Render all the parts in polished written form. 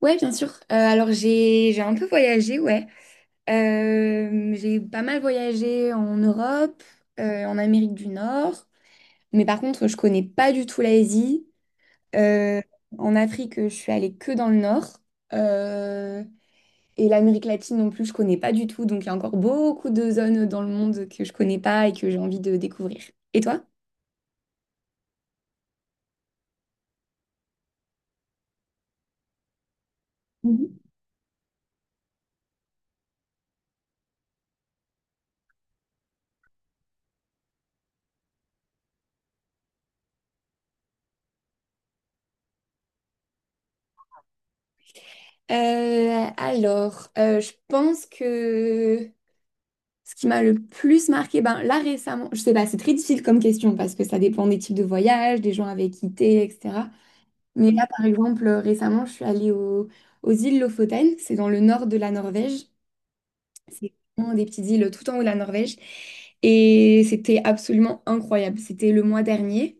Ouais, bien sûr. Alors j'ai un peu voyagé, ouais. J'ai pas mal voyagé en Europe, en Amérique du Nord, mais par contre je connais pas du tout l'Asie. Euh, En Afrique, je suis allée que dans le Nord. Euh, et l'Amérique latine non plus, je connais pas du tout. Donc il y a encore beaucoup de zones dans le monde que je connais pas et que j'ai envie de découvrir. Et toi? Mhm. Je pense que ce qui m'a le plus marqué, ben là récemment, je sais pas, c'est très difficile comme question parce que ça dépend des types de voyages, des gens avec qui t'es, etc. Mais là, par exemple, récemment, je suis allée au- aux îles Lofoten, c'est dans le nord de la Norvège. C'est vraiment des petites îles tout en haut de la Norvège. Et c'était absolument incroyable. C'était le mois dernier,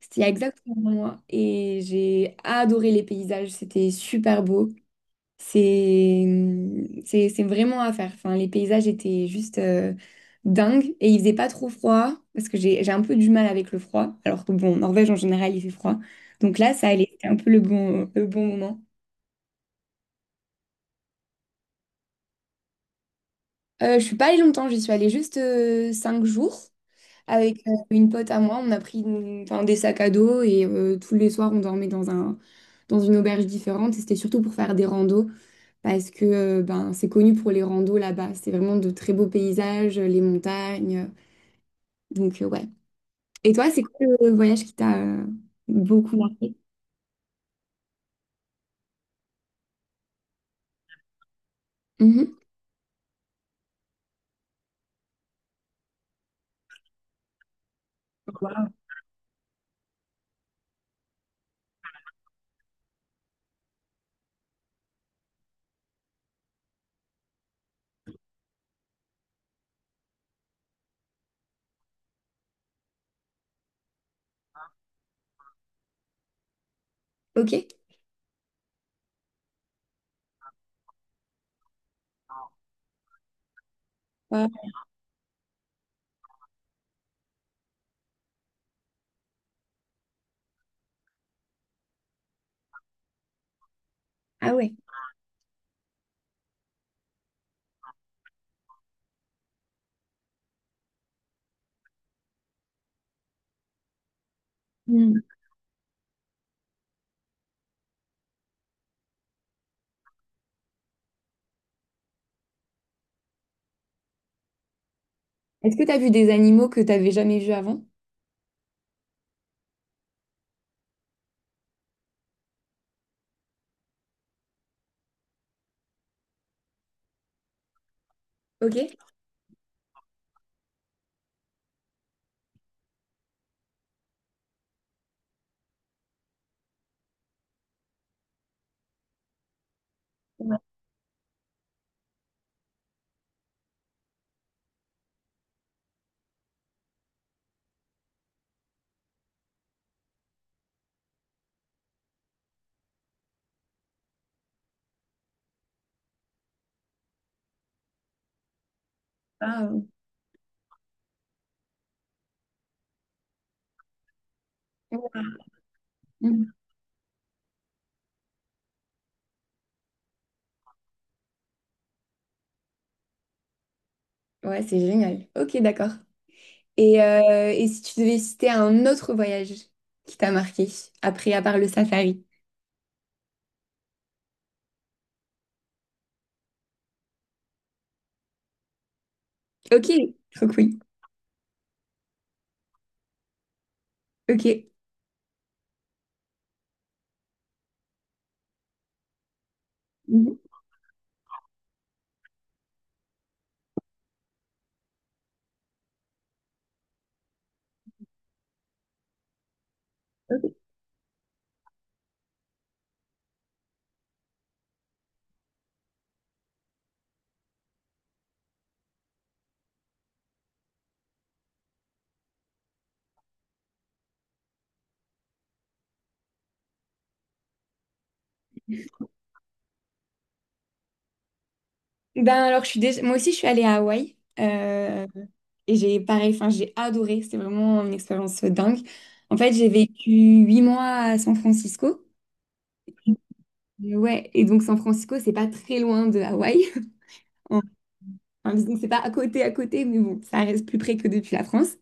c'était il y a exactement un mois, et j'ai adoré les paysages, c'était super beau. C'est c'est vraiment à faire. Enfin, les paysages étaient juste dingues, et il faisait pas trop froid parce que j'ai un peu du mal avec le froid. Alors que bon, en Norvège en général il fait froid. Donc là, ça allait, c'était un peu le bon moment. Je suis pas allée longtemps, j'y suis allée juste cinq jours avec une pote à moi. On a pris une- Enfin, des sacs à dos, et tous les soirs on dormait dans dans une auberge différente. Et c'était surtout pour faire des randos, parce que ben, c'est connu pour les randos là-bas. C'est vraiment de très beaux paysages, les montagnes. Donc, ouais. Et toi, c'est quoi le voyage qui t'a beaucoup marqué? Mhm. Wow. Ok. Ouais. Ah ouais. Mm. Est-ce que t'as vu des animaux que t'avais jamais vus avant? Ok. Ouais. Ah, euh, Mm. Ouais, c'est génial. Ok, d'accord. Et si tu devais citer un autre voyage qui t'a marqué, après, à part le safari? Ok, trop cool. Ok. Mhm. Ben alors, je suis déjà... moi aussi, je suis allée à Hawaï, et j'ai pareil, enfin, j'ai adoré. C'était vraiment une expérience dingue. En fait, j'ai vécu huit mois à San Francisco. Et ouais, et donc San Francisco, c'est pas très loin de Hawaï. Enfin, disons que c'est pas à côté, à côté, mais bon, ça reste plus près que depuis la France.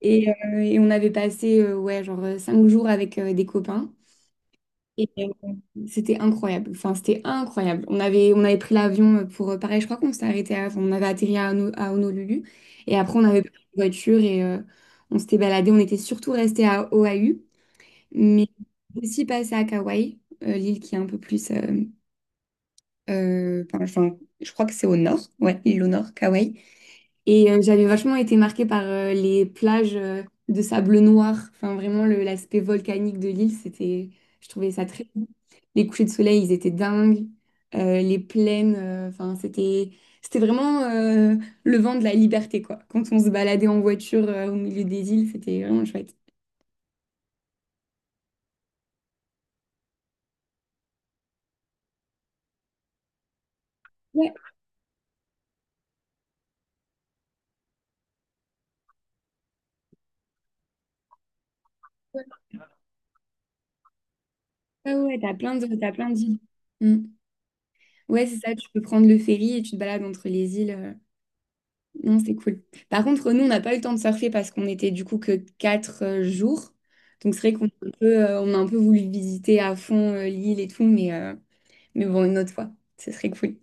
Et, et on avait passé, ouais, genre cinq jours avec des copains. C'était incroyable. Enfin, c'était incroyable. On avait pris l'avion pour, pareil, je crois qu'on s'est arrêté à, enfin, on avait atterri à, à Honolulu. Et après, on avait pris une voiture et on s'était baladé. On était surtout resté à Oahu, mais aussi passé à Kauai, l'île qui est un peu plus. Enfin, je crois que c'est au nord. Ouais, l'île au nord, Kauai. Et j'avais vachement été marquée par les plages de sable noir. Enfin, vraiment, l'aspect volcanique de l'île, c'était, je trouvais ça très beau. Les couchers de soleil, ils étaient dingues. Les plaines, enfin, c'était, c'était vraiment le vent de la liberté, quoi. Quand on se baladait en voiture au milieu des îles, c'était vraiment chouette. Ouais, ouais, ouais, ouais, t'as plein de, t'as plein d'îles. Mm. Ouais, c'est ça, tu peux prendre le ferry et tu te balades entre les îles. Non, c'est cool. Par contre, nous, on n'a pas eu le temps de surfer parce qu'on était du coup que quatre jours. Donc c'est vrai qu'on a un peu, on a un peu voulu visiter à fond l'île et tout, mais bon, une autre fois, ce serait cool.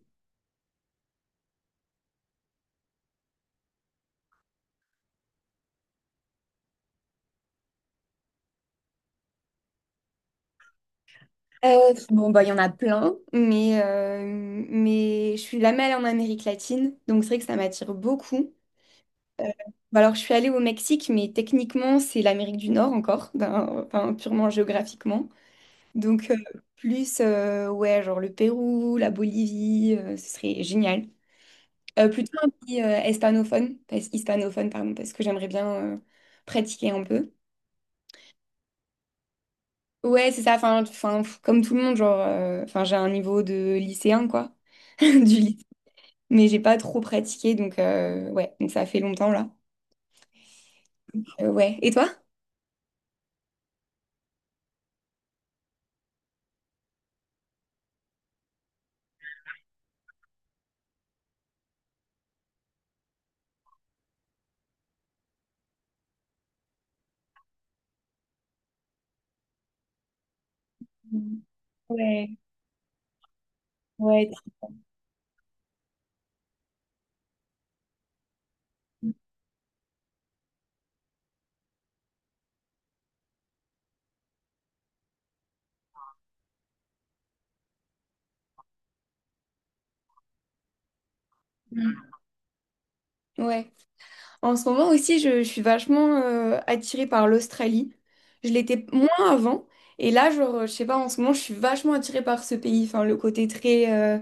Bon, bah, il y en a plein, mais je suis jamais allée en Amérique latine, donc c'est vrai que ça m'attire beaucoup. Euh, Bah, alors, je suis allée au Mexique, mais techniquement, c'est l'Amérique du Nord encore, enfin, purement géographiquement. Donc, plus, ouais, genre le Pérou, la Bolivie, ce serait génial. Plutôt un pays hispanophone, hispanophone, pardon, parce que j'aimerais bien euh, pratiquer un peu. Ouais, c'est ça, pff, comme tout le monde, genre, enfin, j'ai un niveau de lycéen, quoi, du lycée, mais j'ai pas trop pratiqué, donc, ouais, donc ça fait longtemps, là. Ouais, et toi? Mm. Ouais. En ce moment aussi, je suis vachement attirée par l'Australie. Je l'étais moins avant. Et là, genre, je sais pas, en ce moment, je suis vachement attirée par ce pays. Enfin,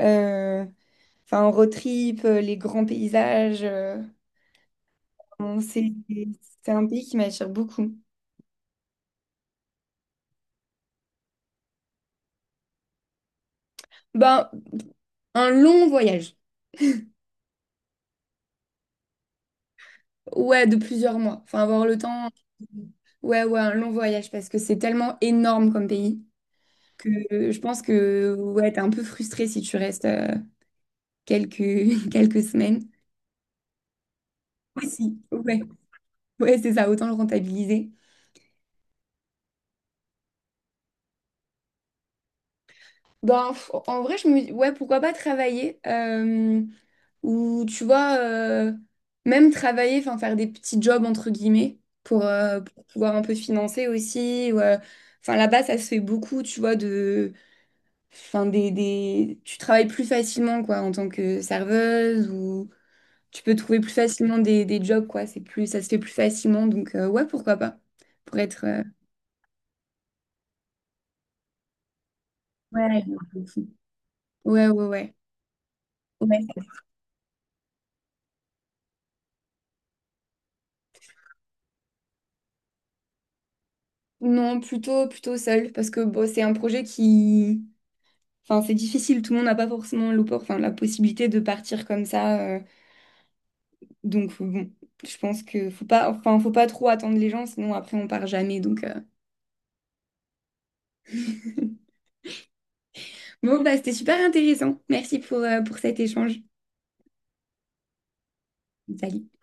euh, enfin, road trip, les grands paysages. Bon, c'est un pays qui m'attire beaucoup. Ben, un long voyage. Ouais, de plusieurs mois. Enfin, avoir le temps... Ouais, ouais, un long voyage parce que c'est tellement énorme comme pays que je pense que ouais, t'es un peu frustré si tu restes quelques, quelques semaines. Aussi. Ouais, ouais, c'est ça, autant le rentabiliser. Ben, pff, en vrai, je me dis, ouais, pourquoi pas travailler, ou tu vois, même travailler, enfin faire des petits jobs entre guillemets pour pouvoir un peu financer aussi, enfin, là-bas, ça se fait beaucoup, tu vois, de, tu travailles plus facilement quoi en tant que serveuse, ou tu peux trouver plus facilement des jobs quoi. C'est plus, ça se fait plus facilement, donc ouais, pourquoi pas pour être, ouais, je m'en fous. Ouais, ouais, ouais. Ouais. Non, plutôt, plutôt seul, parce que bon, c'est un projet qui... Enfin, c'est difficile, tout le monde n'a pas forcément enfin, la possibilité de partir comme ça. Donc, bon, je pense que faut pas... Enfin, faut pas trop attendre les gens, sinon après, on part jamais. Donc. Bon, bah, c'était super intéressant. Merci pour cet échange. Salut.